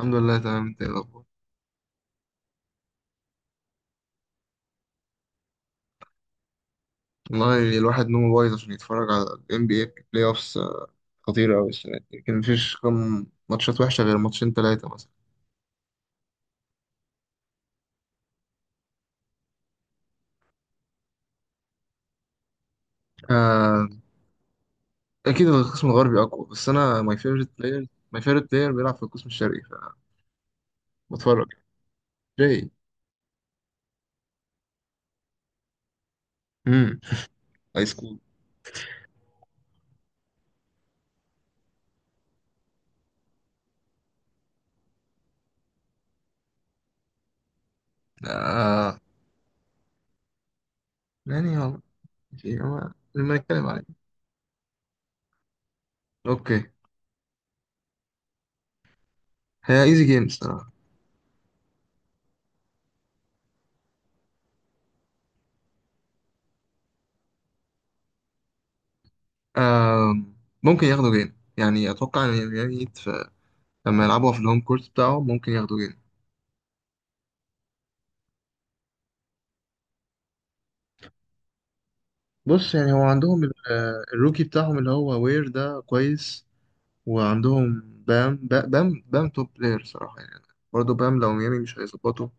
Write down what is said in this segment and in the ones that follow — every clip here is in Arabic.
الحمد لله تمام. انت ايه الاخبار؟ والله الواحد نومه بايظ عشان يتفرج على ال NBA بلاي اوفس. خطيرة أوي السنة دي، كان مفيش كم ماتشات وحشة غير ماتشين تلاتة مثلا. آه، أكيد القسم الغربي أقوى، بس أنا ماي فيفرت بلاير ماي فيفرت بلاير بيلعب في القسم الشرقي فبتفرج. جاي. امم. هاي سكول. آه. يعني والله شيء هو لما نتكلم عليه. أوكي. هي ايزي جيم الصراحة. آه، ممكن ياخدوا جيم. يعني أتوقع إن اليابانيين لما يلعبوا في الهوم كورت بتاعهم ممكن ياخدوا جيم. بص يعني هو عندهم الروكي بتاعهم اللي هو وير ده كويس. وعندهم بام بام توب بلاير صراحة يعني. برضه بام لو ميامي مش هيظبطه.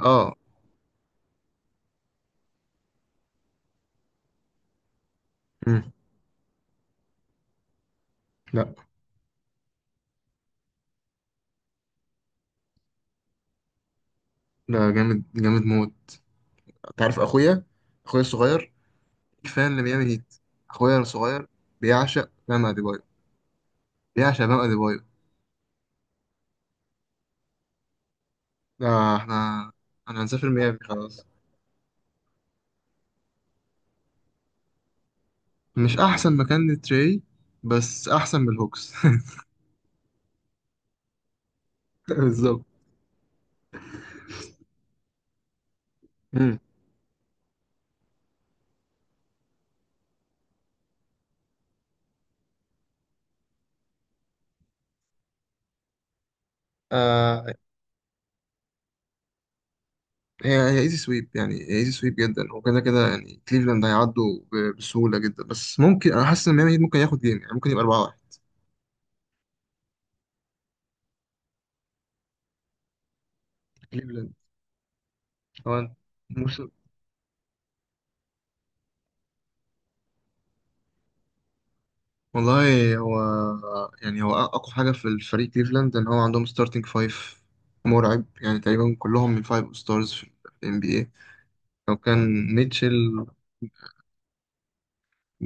اه. مم. لا، لا جامد جامد موت. انت عارف اخويا، اخويا الصغير فان لميامي هيت. اخويا الصغير بيعشق بام اديبايو، بيعشق بام اديبايو. لا احنا، انا هنسافر ميامي خلاص. مش احسن مكان لتري، بس احسن من الهوكس. بالظبط. مم. هي ايزي سويب يعني ايزي سويب جدا، وكده كده يعني كليفلاند هيعدوا بسهوله جدا، بس ممكن انا حاسس ان ميامي هيت ممكن ياخد جيم، يعني ممكن يبقى 4-1. كليفلاند هو الموسم. والله هو يعني هو اقوى حاجه في الفريق كليفلاند ان هو عندهم ستارتنج فايف مرعب، يعني تقريبا كلهم من فايف ستارز في ال NBA. لو كان ميتشل.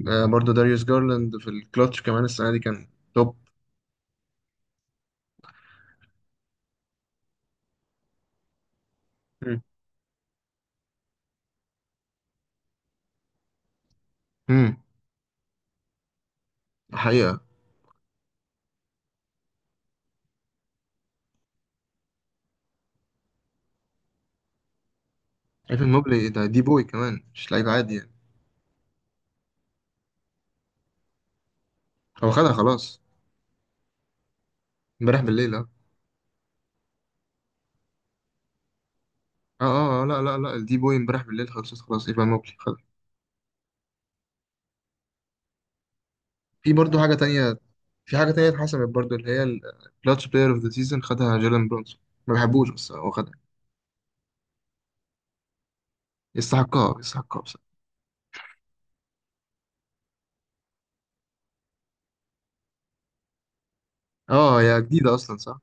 برضه داريوس جارلاند في الكلاتش كمان السنه دي كان توب. امم. حقيقه. ايفن موبلي ده دي بوي كمان مش لعيب عادي يعني. هو خدها خلاص امبارح بالليل اه. لا لا لا، الدي بوي امبارح بالليل خلصت خلاص، ايفان موبلي خد. في برضه حاجة تانية، في حاجة تانية اتحسمت برضه اللي هي الكلاتش بلاير اوف ذا سيزون، خدها جيلان برونسون. ما بحبوش بس هو خدها. يستحقها يستحقها بصراحة. اه، هي جديدة أصلا صح؟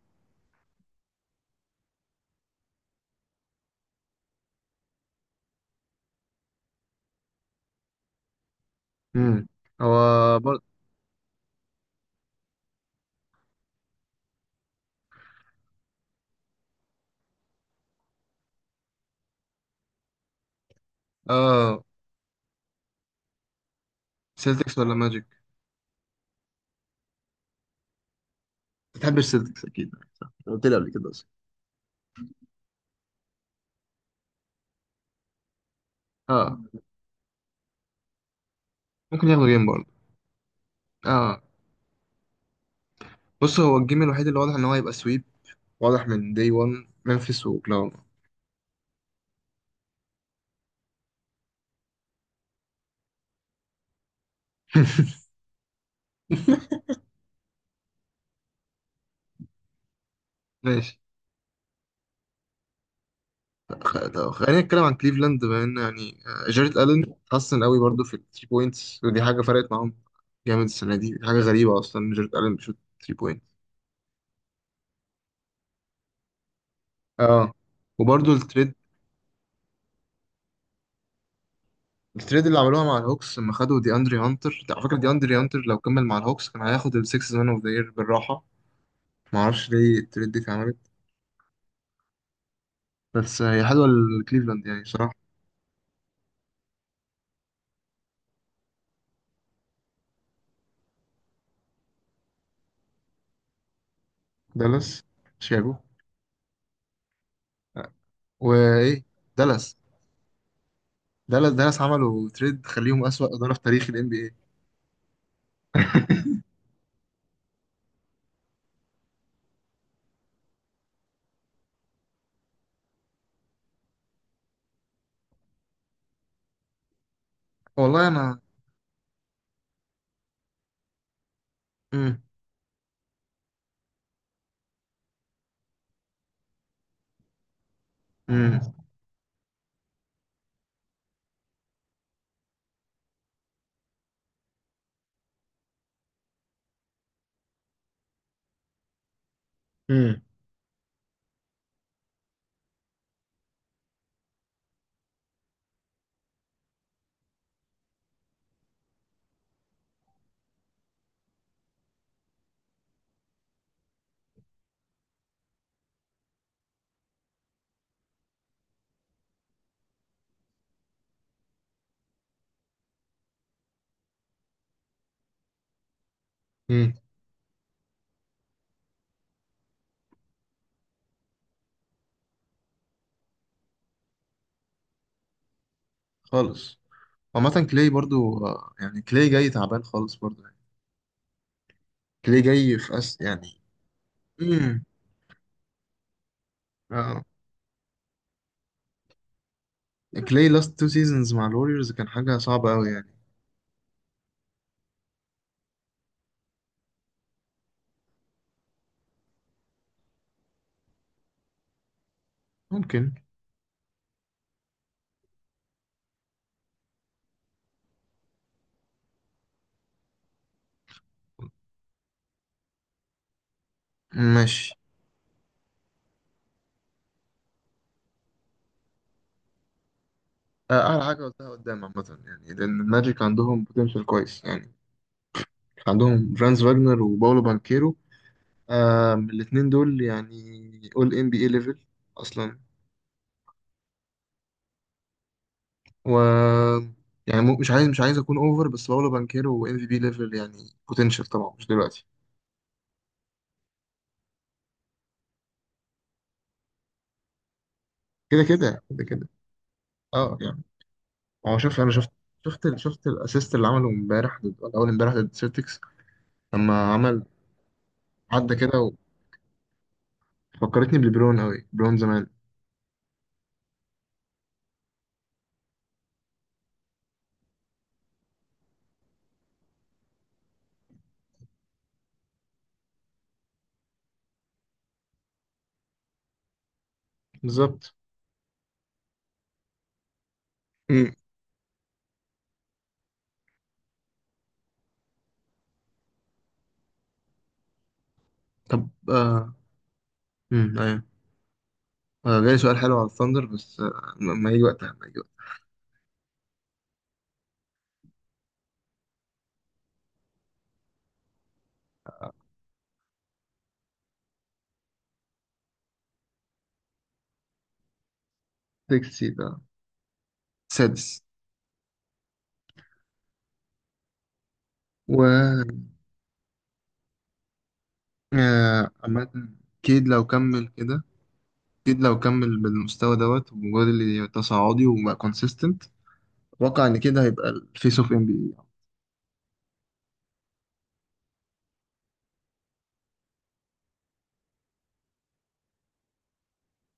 امم. هو برضه. اه. سيلتكس ولا ماجيك؟ ما بتحبش سيلتكس أكيد، قلت لي قبل كده أصلا. اه. ممكن ياخدوا جيم برضه. اه. بص هو الجيم الوحيد اللي واضح إن هو هيبقى سويب، واضح من داي 1، ممفيس وأوكلاهوما. ماشي. طب خلينا نتكلم عن كليفلاند بما ان يعني، جاريت الن حسن قوي برضو في الثري بوينتس، ودي حاجه فرقت معاهم جامد السنه دي. دي حاجه غريبه اصلا إن جاريت الن بيشوط ثري بوينت. اه. وبرضو التريد، التريد اللي عملوها مع الهوكس لما خدوا دي اندري هانتر. أنت على فكره دي اندري هانتر لو كمل مع الهوكس كان هياخد السكس مان اوف ذا يير بالراحه. ما اعرفش ليه التريد دي اتعملت، بس هي حلوه لكليفلاند يعني صراحه. دالاس. شيكاغو. آه، وايه، دالاس، دالاس. دالاس عملوا تريد خليهم اسوأ اداره في تاريخ الان بي اي. والله انا. امم. امم. امم. امم. خالص. عامة كلاي برضو، يعني كلاي جاي تعبان خالص برضو يعني، كلاي جاي في أس يعني. امم. اه. كلاي لاست تو سيزونز مع الوريورز كان حاجة صعبة أوي يعني. ممكن. ماشي. آه، أعلى حاجة قلتها قدام عامة، يعني لأن الماجيك عندهم بوتنشال كويس يعني، عندهم فرانز فاجنر وباولو بانكيرو. آه الاتنين دول يعني أول إن بي إيه ليفل أصلا. و، يعني مش عايز، مش عايز اكون اوفر بس باولو بانكيرو ام في بي ليفل يعني بوتنشال، طبعا مش دلوقتي. كده كده كده كده. اه يعني. هو شوف انا شفت، شفت شفت الاسيست اللي عمله امبارح ضد، ولا اول امبارح ضد سيلتكس، لما عمل، عدى كده، وفكرتني بليبرون قوي، بليبرون زمان. بالظبط. امم. طب آه. امم، ايوه. آه جاي سؤال حلو على الثاندر بس آه، ما يجي وقتها ما يجي. وقتها 6 ده. سادس. و، عامة كيد لو كمل كده، اكيد لو كمل بالمستوى دوت ومجرد اللي تصاعدي وبقى كونسيستنت، اتوقع ان كده هيبقى الفيس اوف ام بي اي.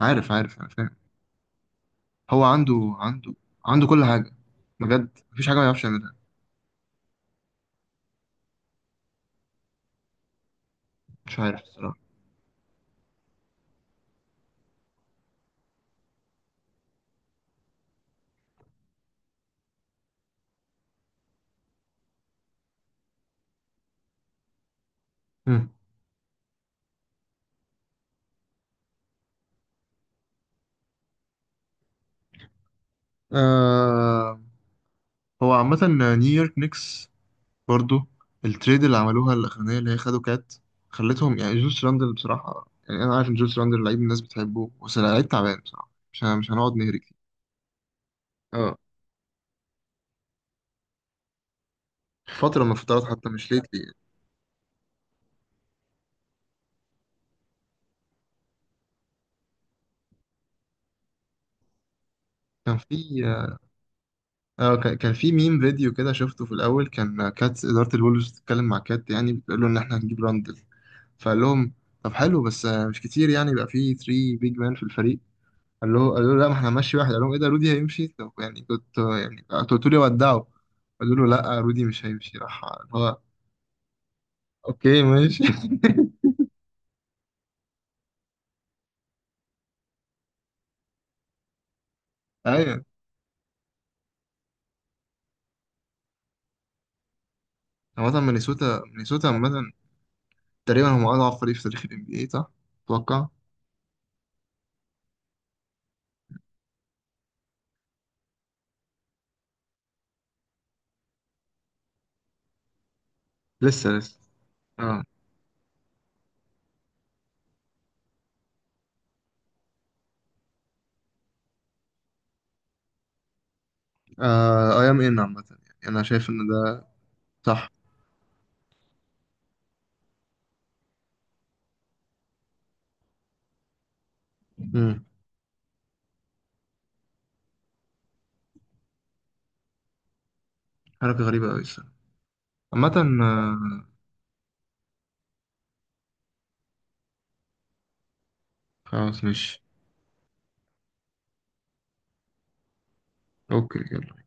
عارف، عارف انا فاهم. هو عنده، عنده، عنده كل حاجه. بجد مفيش حاجه ما يعرفش يعملها. مش عارف الصراحه. مم. آه. هو عامه نيويورك نيكس برضو، التريد اللي عملوها الاخرانيه اللي هي خدوا كات، خلتهم يعني جولس راندل بصراحه، يعني انا عارف ان جولس راندل لعيب الناس بتحبه، بس لعيب تعبان بصراحه، مش مش هنقعد نهري كتير. اه، فتره من الفترات حتى مش ليتلي. كان في، اه، كان في ميم فيديو كده شفته في الاول، كان كات اداره الولفز بتتكلم مع كات يعني، بتقول له ان احنا هنجيب راندل، فقال لهم طب حلو، بس مش كتير يعني، يبقى في 3 بيج مان في الفريق. قال له، قال له لا ما احنا هنمشي واحد، قال لهم ايه ده؟ رودي هيمشي؟ طب يعني كنت، يعني كنت قلت لي ودعه. قالوا له لا رودي مش هيمشي، راح هو اوكي ماشي. ايوه. عامة مينيسوتا، مينيسوتا عامة تقريبا هم اضعف فريق في تاريخ ال NBA صح؟ اتوقع. لسه لسه. اه اي ام ان عامة، يعني انا شايف ان ده صح. امم. حركة غريبة أوي الصراحة. عامة. آه. خلاص ماشي. أوكي.